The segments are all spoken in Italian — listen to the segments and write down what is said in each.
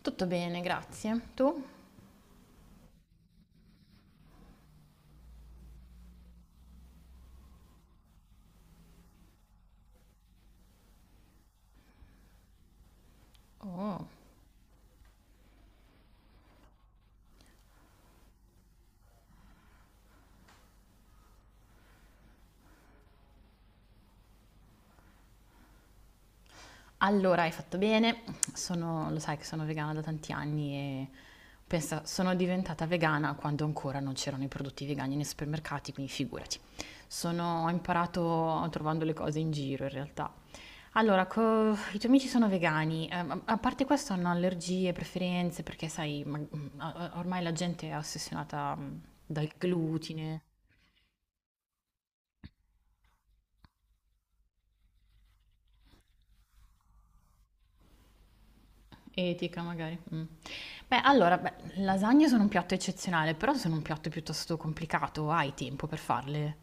Tutto bene, grazie. Tu? Oh. Allora, hai fatto bene. Lo sai che sono vegana da tanti anni e pensa, sono diventata vegana quando ancora non c'erano i prodotti vegani nei supermercati, quindi figurati. Ho imparato trovando le cose in giro in realtà. Allora, i tuoi amici sono vegani, a parte questo hanno allergie, preferenze, perché sai, ormai la gente è ossessionata dal glutine, etica magari. Mm. Beh, lasagne sono un piatto eccezionale, però sono un piatto piuttosto complicato, hai tempo per farle?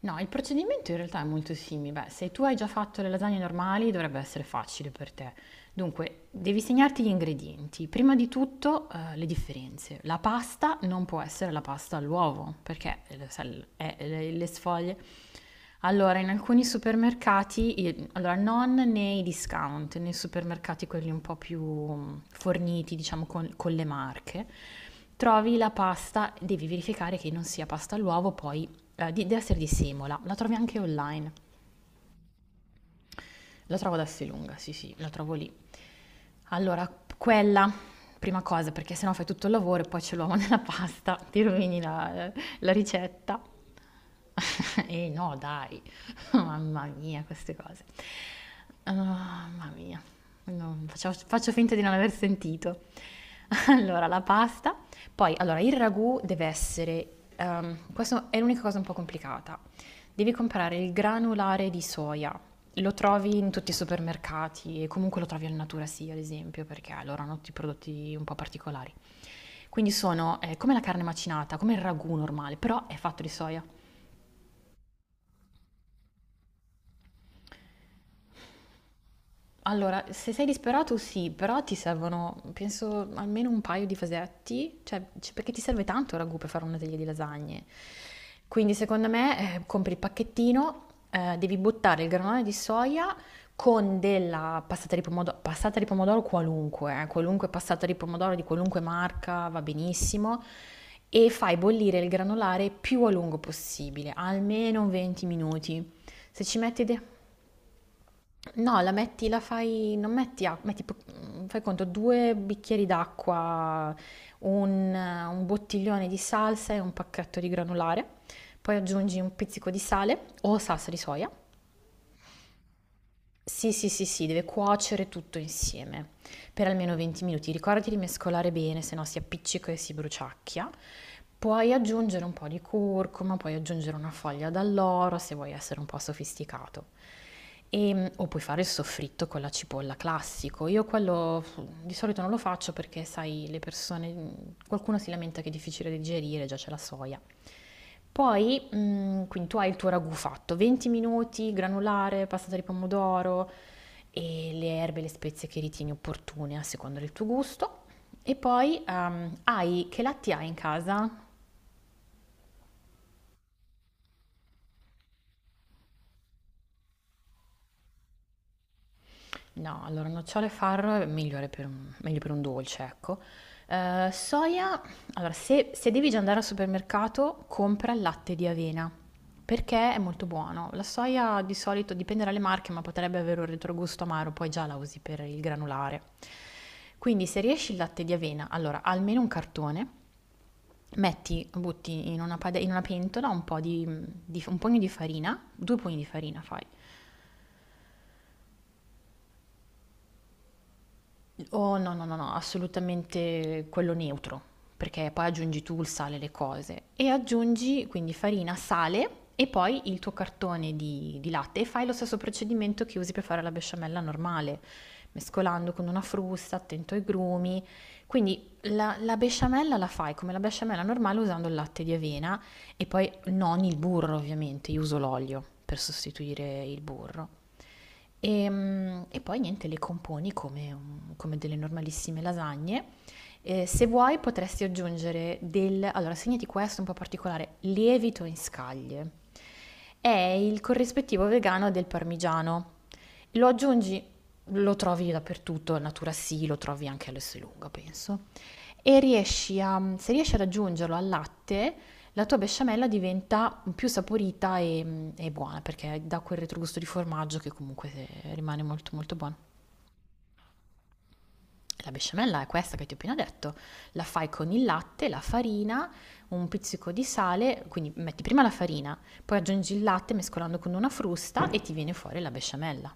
No, il procedimento in realtà è molto simile. Beh, se tu hai già fatto le lasagne normali, dovrebbe essere facile per te. Dunque, devi segnarti gli ingredienti. Prima di tutto, le differenze. La pasta non può essere la pasta all'uovo, perché lo sai, le sfoglie. Allora, in alcuni supermercati, allora non nei discount, nei supermercati quelli un po' più forniti, diciamo, con le marche, trovi la pasta, devi verificare che non sia pasta all'uovo, poi deve essere di Simola, la trovi anche online, la trovo ad Assilunga, sì sì, la trovo lì. Allora, quella, prima cosa, perché sennò fai tutto il lavoro e poi c'è l'uomo nella pasta, ti rovini la ricetta. E no, dai, mamma mia, queste cose. Ah, mamma mia, faccio finta di non aver sentito. Allora, la pasta, poi allora, il ragù deve essere, questo è l'unica cosa un po' complicata, devi comprare il granulare di soia. Lo trovi in tutti i supermercati e comunque lo trovi al Natura sì, ad esempio, perché loro hanno tutti i prodotti un po' particolari. Quindi sono come la carne macinata, come il ragù normale, però è fatto di soia. Allora, se sei disperato sì, però ti servono, penso, almeno un paio di fasetti, cioè, perché ti serve tanto il ragù per fare una teglia di lasagne. Quindi secondo me compri il pacchettino, devi buttare il granulone di soia con della passata di pomodoro qualunque, qualunque passata di pomodoro di qualunque marca va benissimo, e fai bollire il granulare più a lungo possibile, almeno 20 minuti. Se ci metti... No, la metti, la fai, non metti acqua, fai conto, due bicchieri d'acqua, un bottiglione di salsa e un pacchetto di granulare, poi aggiungi un pizzico di sale o salsa di soia, Sì, sì, deve cuocere tutto insieme per almeno 20 minuti. Ricordati di mescolare bene, se no si appiccica e si bruciacchia. Puoi aggiungere un po' di curcuma, puoi aggiungere una foglia d'alloro se vuoi essere un po' sofisticato. O puoi fare il soffritto con la cipolla classico. Io quello di solito non lo faccio perché, sai, le persone, qualcuno si lamenta che è difficile da digerire, già c'è la soia. Poi, quindi tu hai il tuo ragù fatto, 20 minuti, granulare, passata di pomodoro e le erbe e le spezie che ritieni opportune a seconda del tuo gusto. E poi, hai che latte hai in casa? No, allora nocciole e farro è migliore per meglio per un dolce, ecco. Soia, allora se devi già andare al supermercato, compra il latte di avena, perché è molto buono. La soia di solito dipende dalle marche, ma potrebbe avere un retrogusto amaro, poi già la usi per il granulare. Quindi se riesci il latte di avena, allora almeno un cartone, metti, butti in una, in una pentola un po' di un pugno di farina, due pugni di farina fai. Oh no, no, no, no, assolutamente quello neutro, perché poi aggiungi tu il sale alle cose e aggiungi quindi farina, sale e poi il tuo cartone di latte e fai lo stesso procedimento che usi per fare la besciamella normale, mescolando con una frusta, attento ai grumi. Quindi la besciamella la fai come la besciamella normale usando il latte di avena e poi non il burro ovviamente, io uso l'olio per sostituire il burro. E e poi niente, le componi come come delle normalissime lasagne. Se vuoi potresti aggiungere del... Allora, segnati questo un po' particolare, lievito in scaglie. È il corrispettivo vegano del parmigiano. Lo aggiungi, lo trovi dappertutto, Natura sì, lo trovi anche all'Esselunga, penso. E se riesci ad aggiungerlo al latte, la tua besciamella diventa più saporita e buona perché dà quel retrogusto di formaggio che comunque rimane molto molto buono. La besciamella è questa che ti ho appena detto, la fai con il latte, la farina, un pizzico di sale, quindi metti prima la farina, poi aggiungi il latte mescolando con una frusta e ti viene fuori la besciamella.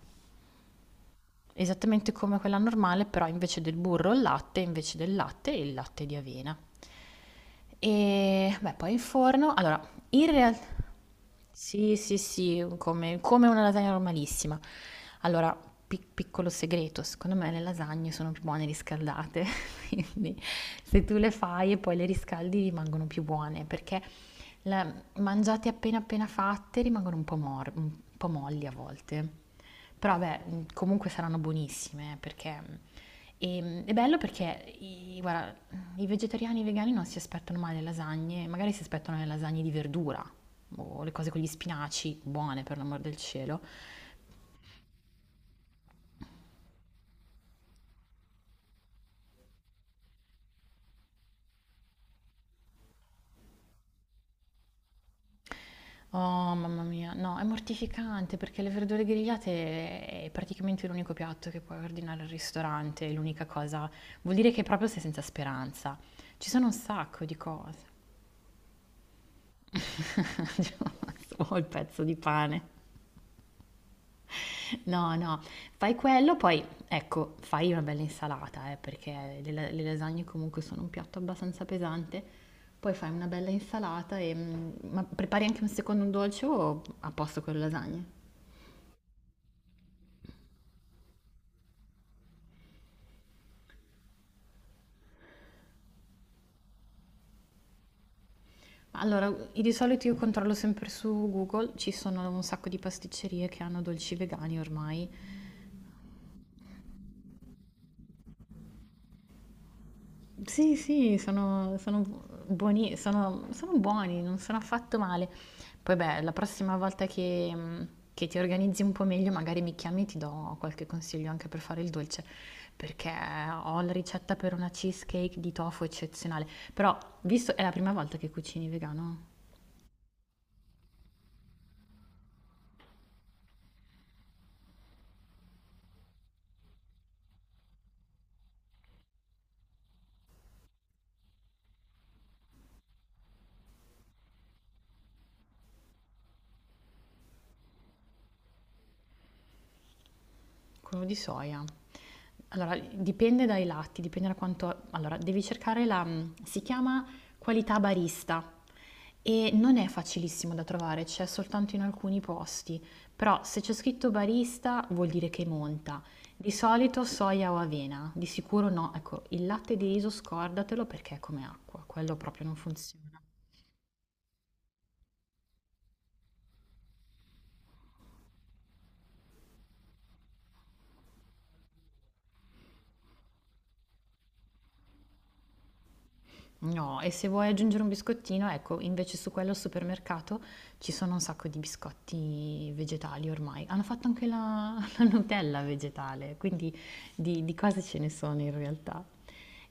Esattamente come quella normale, però invece del burro il latte, invece del latte il latte di avena. E beh, poi in forno, allora, in realtà sì, sì, sì, come, come una lasagna normalissima. Allora, piccolo segreto, secondo me le lasagne sono più buone riscaldate, quindi se tu le fai e poi le riscaldi rimangono più buone, perché la- mangiati appena appena fatte rimangono un po', un po' molli a volte. Però vabbè, comunque saranno buonissime perché è bello perché guarda, i vegetariani e i vegani non si aspettano mai le lasagne, magari si aspettano le lasagne di verdura o le cose con gli spinaci, buone per l'amor del cielo. Oh, mamma mia, no, è mortificante perché le verdure grigliate è praticamente l'unico piatto che puoi ordinare al ristorante, è l'unica cosa. Vuol dire che proprio sei senza speranza. Ci sono un sacco di cose. Ho il pezzo di pane. No, no, fai quello, poi ecco, fai una bella insalata, perché le lasagne comunque sono un piatto abbastanza pesante. Poi fai una bella insalata e ma prepari anche un secondo dolce o a posto con le lasagne? Allora, di solito io controllo sempre su Google, ci sono un sacco di pasticcerie che hanno dolci vegani ormai. Sì, sì, sono buoni, sono buoni, non sono affatto male. Poi beh, la prossima volta che ti organizzi un po' meglio, magari mi chiami e ti do qualche consiglio anche per fare il dolce, perché ho la ricetta per una cheesecake di tofu eccezionale. Però, visto è la prima volta che cucini vegano? Quello di soia. Allora, dipende dai latti, dipende da quanto... Allora, devi cercare la... si chiama qualità barista e non è facilissimo da trovare, c'è soltanto in alcuni posti, però se c'è scritto barista vuol dire che monta. Di solito soia o avena, di sicuro no. Ecco, il latte di riso scordatelo perché è come acqua, quello proprio non funziona. No, e se vuoi aggiungere un biscottino, ecco, invece su quello al supermercato ci sono un sacco di biscotti vegetali ormai. Hanno fatto anche la Nutella vegetale, quindi di cose ce ne sono in realtà.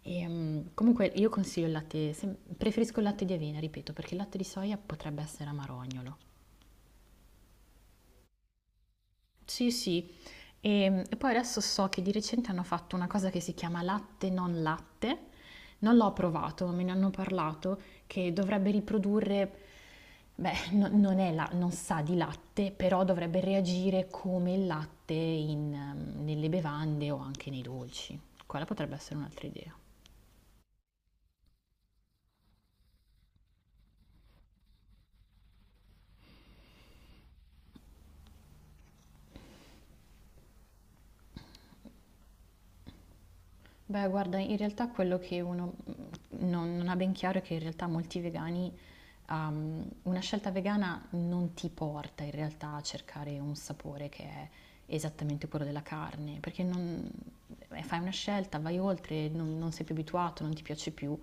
E comunque io consiglio il latte, preferisco il latte di avena, ripeto, perché il latte di soia potrebbe essere amarognolo. Sì, sì. E poi adesso so che di recente hanno fatto una cosa che si chiama latte. Non l'ho provato, ma me ne hanno parlato che dovrebbe riprodurre, beh, non è non sa di latte, però dovrebbe reagire come il latte in, nelle bevande o anche nei dolci. Quella potrebbe essere un'altra idea. Beh, guarda, in realtà quello che uno non ha ben chiaro è che in realtà molti vegani, una scelta vegana non ti porta in realtà a cercare un sapore che è esattamente quello della carne, perché fai una scelta, vai oltre, non sei più abituato, non ti piace più.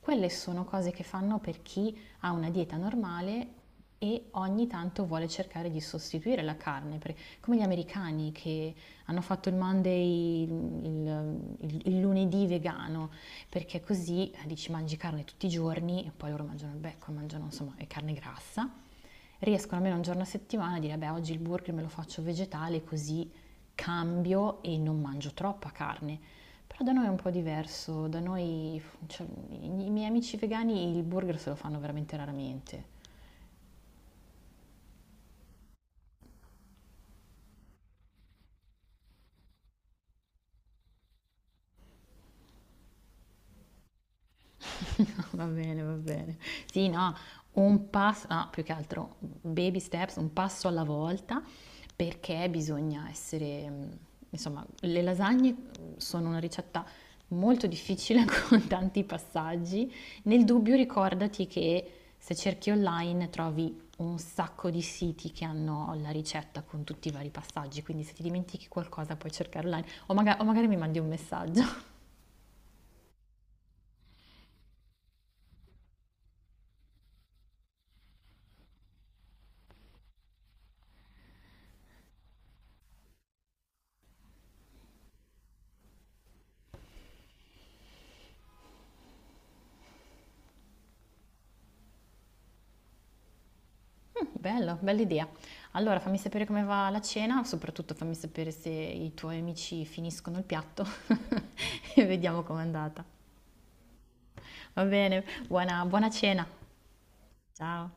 Quelle sono cose che fanno per chi ha una dieta normale e ogni tanto vuole cercare di sostituire la carne, come gli americani che hanno fatto il Monday, il lunedì vegano, perché così dici mangi carne tutti i giorni, e poi loro mangiano il becco, mangiano insomma e carne grassa. Riescono almeno un giorno a settimana a dire, beh, oggi il burger me lo faccio vegetale, così cambio e non mangio troppa carne. Però da noi è un po' diverso, da noi, cioè, i miei amici vegani il burger se lo fanno veramente raramente. No, va bene, va bene. Sì, no, un passo, no, più che altro baby steps, un passo alla volta, perché bisogna essere, insomma, le lasagne sono una ricetta molto difficile con tanti passaggi. Nel dubbio ricordati che se cerchi online trovi un sacco di siti che hanno la ricetta con tutti i vari passaggi, quindi se ti dimentichi qualcosa puoi cercare online o magari mi mandi un messaggio. Bello, bella idea. Allora fammi sapere come va la cena, soprattutto fammi sapere se i tuoi amici finiscono il piatto e vediamo com'è andata. Va bene, buona cena. Ciao.